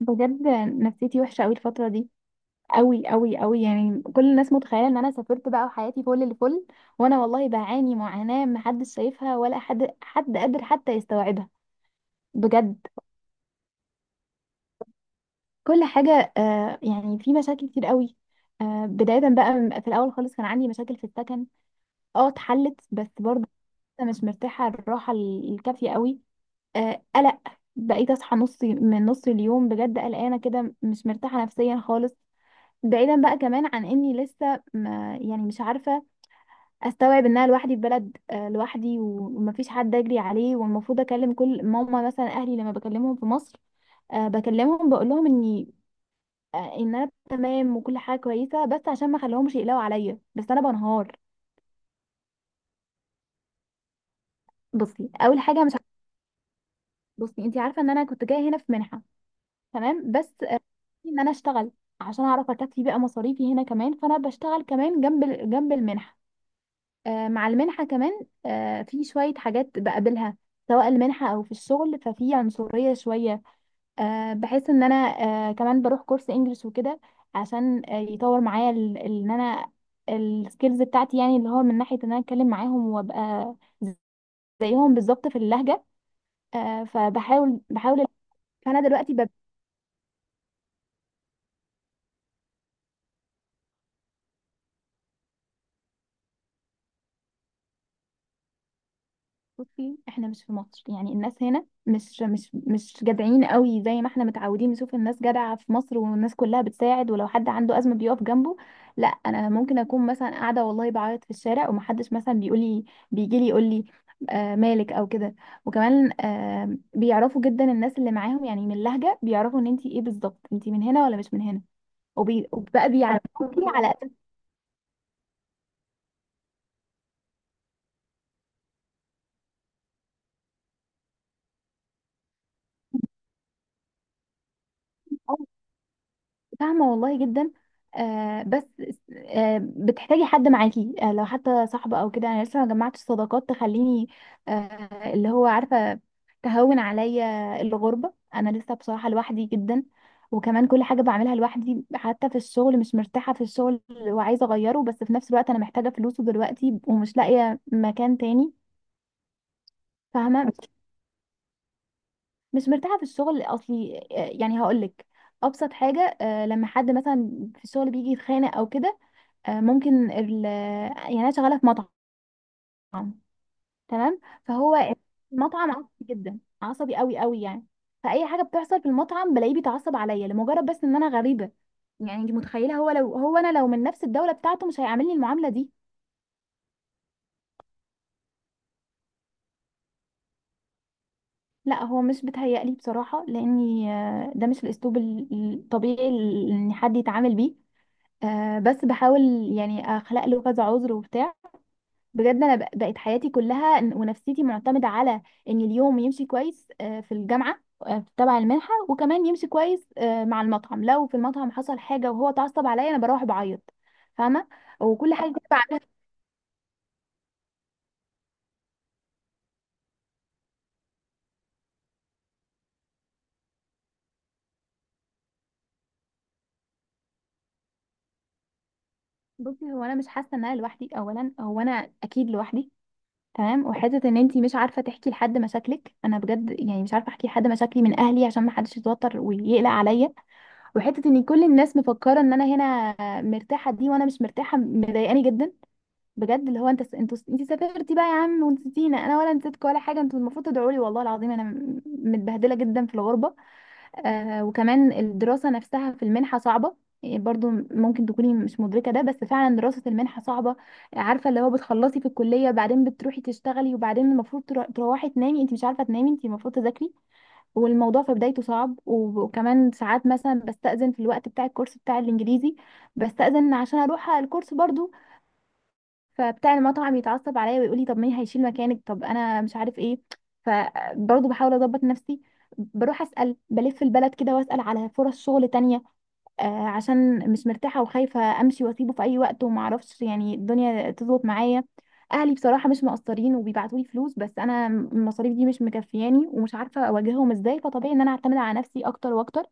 بجد، نفسيتي وحشه قوي الفتره دي قوي قوي قوي. يعني كل الناس متخيله ان انا سافرت بقى وحياتي فل الفل، وانا والله بعاني معاناه محدش شايفها ولا حد قادر حتى يستوعبها. بجد كل حاجه، يعني في مشاكل كتير قوي. بدايه بقى في الاول خالص كان عندي مشاكل في السكن. اه اتحلت بس برضه لسه مش مرتاحه الراحه الكافيه قوي. قلق، بقيت اصحى نص من نص اليوم بجد قلقانه كده مش مرتاحه نفسيا خالص. بعيدا بقى كمان عن اني لسه ما يعني مش عارفه استوعب ان انا لوحدي في بلد، لوحدي ومفيش حد اجري عليه، والمفروض اكلم كل ماما مثلا اهلي لما بكلمهم في مصر. بكلمهم بقول لهم اني ان انا تمام وكل حاجه كويسه بس عشان ما اخليهمش يقلقوا عليا، بس انا بنهار. بصي اول حاجه مش بصي انت عارفه ان انا كنت جايه هنا في منحه، تمام، بس ان انا اشتغل عشان اعرف اكفي بقى مصاريفي هنا كمان، فانا بشتغل كمان جنب جنب المنحه. مع المنحة كمان في شوية حاجات بقابلها سواء المنحة أو في الشغل، ففي عنصرية شوية. بحس إن أنا كمان بروح كورس إنجليش وكده، عشان يطور معايا إن أنا السكيلز بتاعتي، يعني اللي هو من ناحية إن أنا أتكلم معاهم وأبقى زيهم بالظبط في اللهجة. فبحاول بحاول. فأنا دلوقتي بصي احنا مش في مصر، يعني الناس هنا مش جدعين قوي زي ما احنا متعودين نشوف الناس جدعة في مصر، والناس كلها بتساعد، ولو حد عنده أزمة بيقف جنبه. لا، انا ممكن اكون مثلا قاعدة والله بعيط في الشارع ومحدش مثلا بيجي لي يقول لي آه مالك او كده. وكمان بيعرفوا جدا الناس اللي معاهم، يعني من اللهجة بيعرفوا ان انتي ايه بالظبط، انتي من هنا ولا مش من هنا. وبقى بيعرفوكي على اساس. فاهمة والله جدا. بس بتحتاجي حد معاكي، لو حتى صاحبة او كده، انا لسه ما جمعتش صداقات تخليني اللي هو عارفة تهون عليا الغربة. انا لسه بصراحة لوحدي جدا، وكمان كل حاجة بعملها لوحدي. حتى في الشغل مش مرتاحة في الشغل، وعايزة اغيره بس في نفس الوقت انا محتاجة فلوسه دلوقتي ومش لاقية مكان تاني. فاهمة، مش مرتاحة في الشغل اصلي. يعني هقولك، ابسط حاجة، لما حد مثلا في الشغل بيجي يتخانق او كده، يعني انا شغاله في مطعم، تمام. المطعم عصبي جدا، عصبي قوي قوي يعني. فاي حاجه بتحصل في المطعم بلاقيه بيتعصب عليا لمجرد بس ان انا غريبه. يعني انت متخيله، هو لو هو انا لو من نفس الدوله بتاعته مش هيعاملني المعامله دي. لا هو مش بيتهيألي بصراحه، لاني ده مش الاسلوب الطبيعي ان حد يتعامل بيه. بس بحاول يعني اخلق له كذا عذر وبتاع. بجد انا بقت حياتي كلها ونفسيتي معتمده على ان اليوم يمشي كويس في الجامعه تبع المنحه، وكمان يمشي كويس مع المطعم. لو في المطعم حصل حاجه وهو اتعصب عليا انا بروح بعيط، فاهمه. وكل حاجه كده بعملها. بصي هو انا مش حاسه ان انا لوحدي، اولا هو انا اكيد لوحدي تمام، وحته ان انتي مش عارفه تحكي لحد مشاكلك. انا بجد يعني مش عارفه احكي لحد مشاكلي من اهلي عشان ما حدش يتوتر ويقلق عليا. وحته ان كل الناس مفكره ان انا هنا مرتاحه دي وانا مش مرتاحه مضايقاني جدا. بجد اللي هو انت سافرتي بقى يا عم ونسيتينا، انا ولا نسيتكم ولا حاجه، انتوا المفروض تدعوا لي والله العظيم، انا متبهدله جدا في الغربه. وكمان الدراسه نفسها في المنحه صعبه، يعني برضو ممكن تكوني مش مدركه ده، بس فعلا دراسه المنحه صعبه. عارفه اللي هو بتخلصي في الكليه بعدين بتروحي تشتغلي وبعدين المفروض تروحي تنامي، انت مش عارفه تنامي انت المفروض تذاكري. والموضوع في بدايته صعب، وكمان ساعات مثلا بستأذن في الوقت بتاع الكورس بتاع الانجليزي، بستأذن عشان اروح على الكورس برضو. فبتاع المطعم يتعصب عليا ويقول لي طب مين هيشيل مكانك، طب انا مش عارف ايه. فبرضه بحاول اضبط نفسي، بروح اسال بلف البلد كده واسال على فرص شغل تانية. عشان مش مرتاحه وخايفه امشي واسيبه في اي وقت وما اعرفش يعني الدنيا تظبط معايا. اهلي بصراحه مش مقصرين وبيبعتوا لي فلوس، بس انا المصاريف دي مش مكفياني ومش عارفه اواجههم ازاي، فطبيعي ان انا اعتمد على نفسي اكتر واكتر.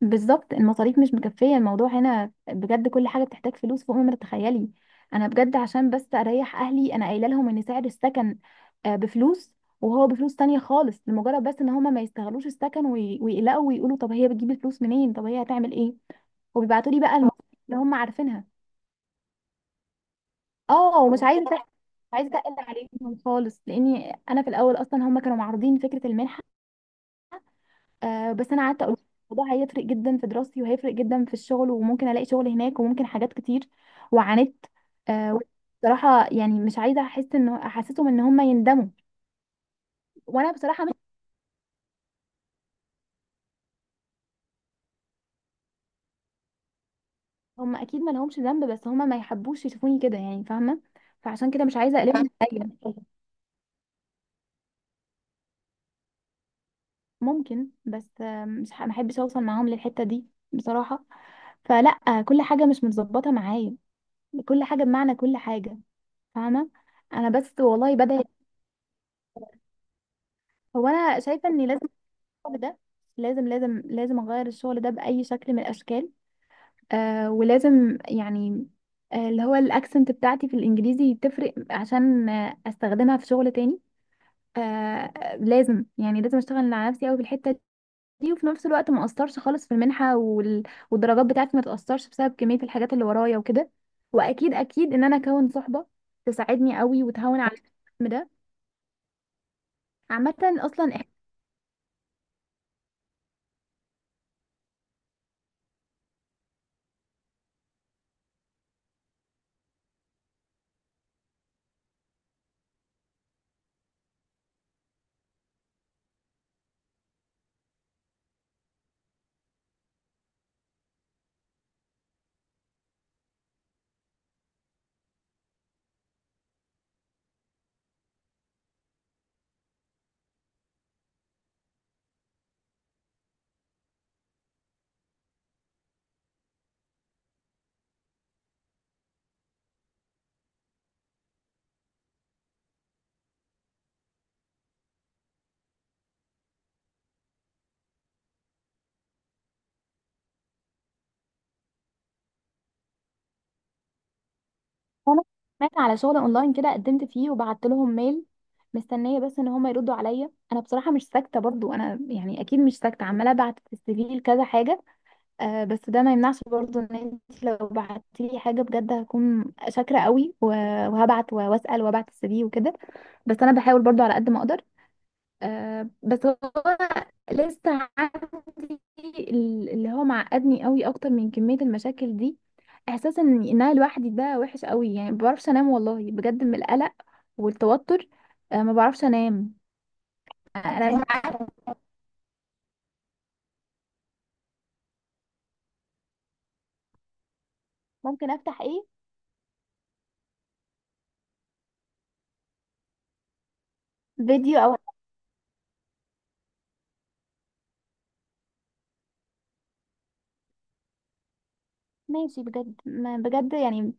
بالظبط المصاريف مش مكفية، الموضوع هنا بجد كل حاجة بتحتاج فلوس فوق ما تتخيلي. أنا بجد عشان بس أريح أهلي أنا قايلة لهم إن سعر السكن بفلوس وهو بفلوس تانية خالص، لمجرد بس إن هما ما يستغلوش السكن ويقلقوا ويقولوا طب هي بتجيب الفلوس منين، طب هي هتعمل إيه. وبيبعتوا لي بقى المصاريف اللي هما عارفينها. اه، ومش عايزة مش عايزة أقل عليهم خالص، لأني أنا في الأول أصلا هما كانوا معارضين فكرة المنحة. بس انا قعدت اقول الموضوع هيفرق جدا في دراستي وهيفرق جدا في الشغل، وممكن الاقي شغل هناك وممكن حاجات كتير. وعانيت. آه بصراحه يعني مش عايزه احس ان احسسهم ان هم يندموا. وانا بصراحه مش هم اكيد ما لهمش ذنب، بس هم ما يحبوش يشوفوني كده يعني، فاهمه. فعشان كده مش عايزه اقلبهم عليا. ممكن، بس آه، مش ح- ما احبش اوصل معاهم للحته دي بصراحه. فلا، كل حاجه مش متظبطه معايا، كل حاجه بمعنى كل حاجه، فاهمه. انا بس والله بدأت. هو انا شايفه اني لازم الشغل ده، لازم لازم لازم اغير الشغل ده باي شكل من الاشكال. ولازم يعني اللي هو الاكسنت بتاعتي في الانجليزي تفرق عشان استخدمها في شغل تاني. لازم يعني لازم اشتغل على نفسي قوي في الحته دي، وفي نفس الوقت ما اقصرش خالص في المنحه والدرجات بتاعتي ما تاثرش بسبب كميه الحاجات اللي ورايا وكده. واكيد اكيد ان انا اكون صحبه تساعدني قوي وتهون على الهم ده. عامه اصلا انا سمعت على شغل اونلاين كده قدمت فيه وبعت لهم ميل، مستنيه بس ان هم يردوا عليا. انا بصراحه مش ساكته برضو، انا يعني اكيد مش ساكته، عماله ابعت في CV لكذا حاجه. بس ده ما يمنعش برضو ان انت لو بعتي لي حاجه بجد هكون شاكره قوي، وهبعت واسال وابعت CV وكده. بس انا بحاول برضو على قد ما اقدر. بس هو لسه عندي اللي هو معقدني قوي اكتر من كمية المشاكل دي، احساس ان انا لوحدي ده وحش قوي يعني، ما بعرفش انام والله بجد من القلق والتوتر. ما بعرفش انام. انا مش عارفة ممكن افتح ايه، فيديو او ماشي، بجد ما بجد يعني.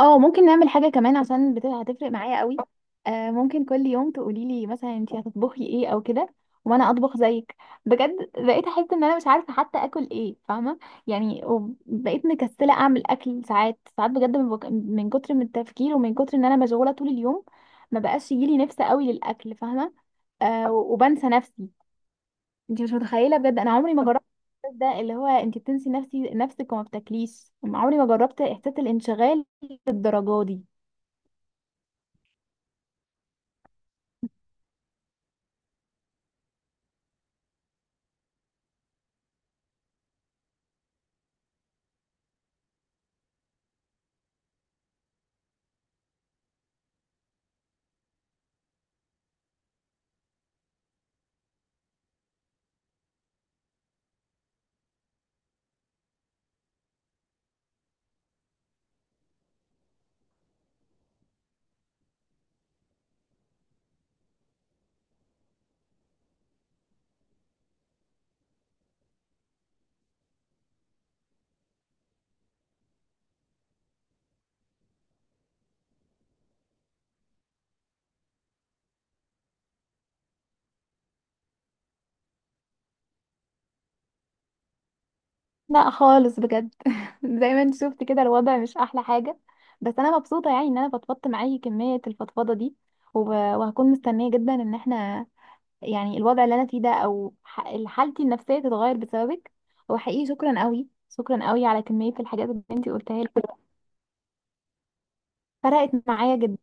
اه، ممكن نعمل حاجة كمان عشان هتفرق معايا قوي. ممكن كل يوم تقولي لي مثلا انتي هتطبخي ايه او كده وانا اطبخ زيك. بجد بقيت احس ان انا مش عارفة حتى اكل ايه، فاهمة يعني، وبقيت مكسلة اعمل اكل ساعات ساعات بجد من كتر من التفكير ومن كتر ان انا مشغولة طول اليوم، ما بقاش يجيلي نفس قوي للاكل، فاهمة. وبنسى نفسي. انت مش متخيله بجد انا عمري ما جربت الاحساس ده، اللي هو انت بتنسي نفسك وما بتاكليش، عمري ما جربت احساس الانشغال للدرجه دي. لا خالص بجد زي ما انت شفت كده الوضع مش احلى حاجه، بس انا مبسوطه يعني ان انا فضفضت معاكي كميه الفضفضه دي. وهكون مستنيه جدا ان احنا يعني الوضع اللي انا فيه ده او حالتي النفسيه تتغير بسببك. وحقيقي شكرا قوي شكرا قوي على كميه الحاجات اللي انت قلتها لي، فرقت معايا جدا.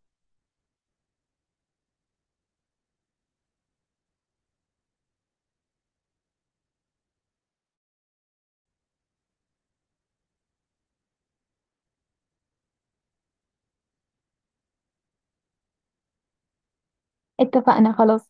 اتفقنا خلاص.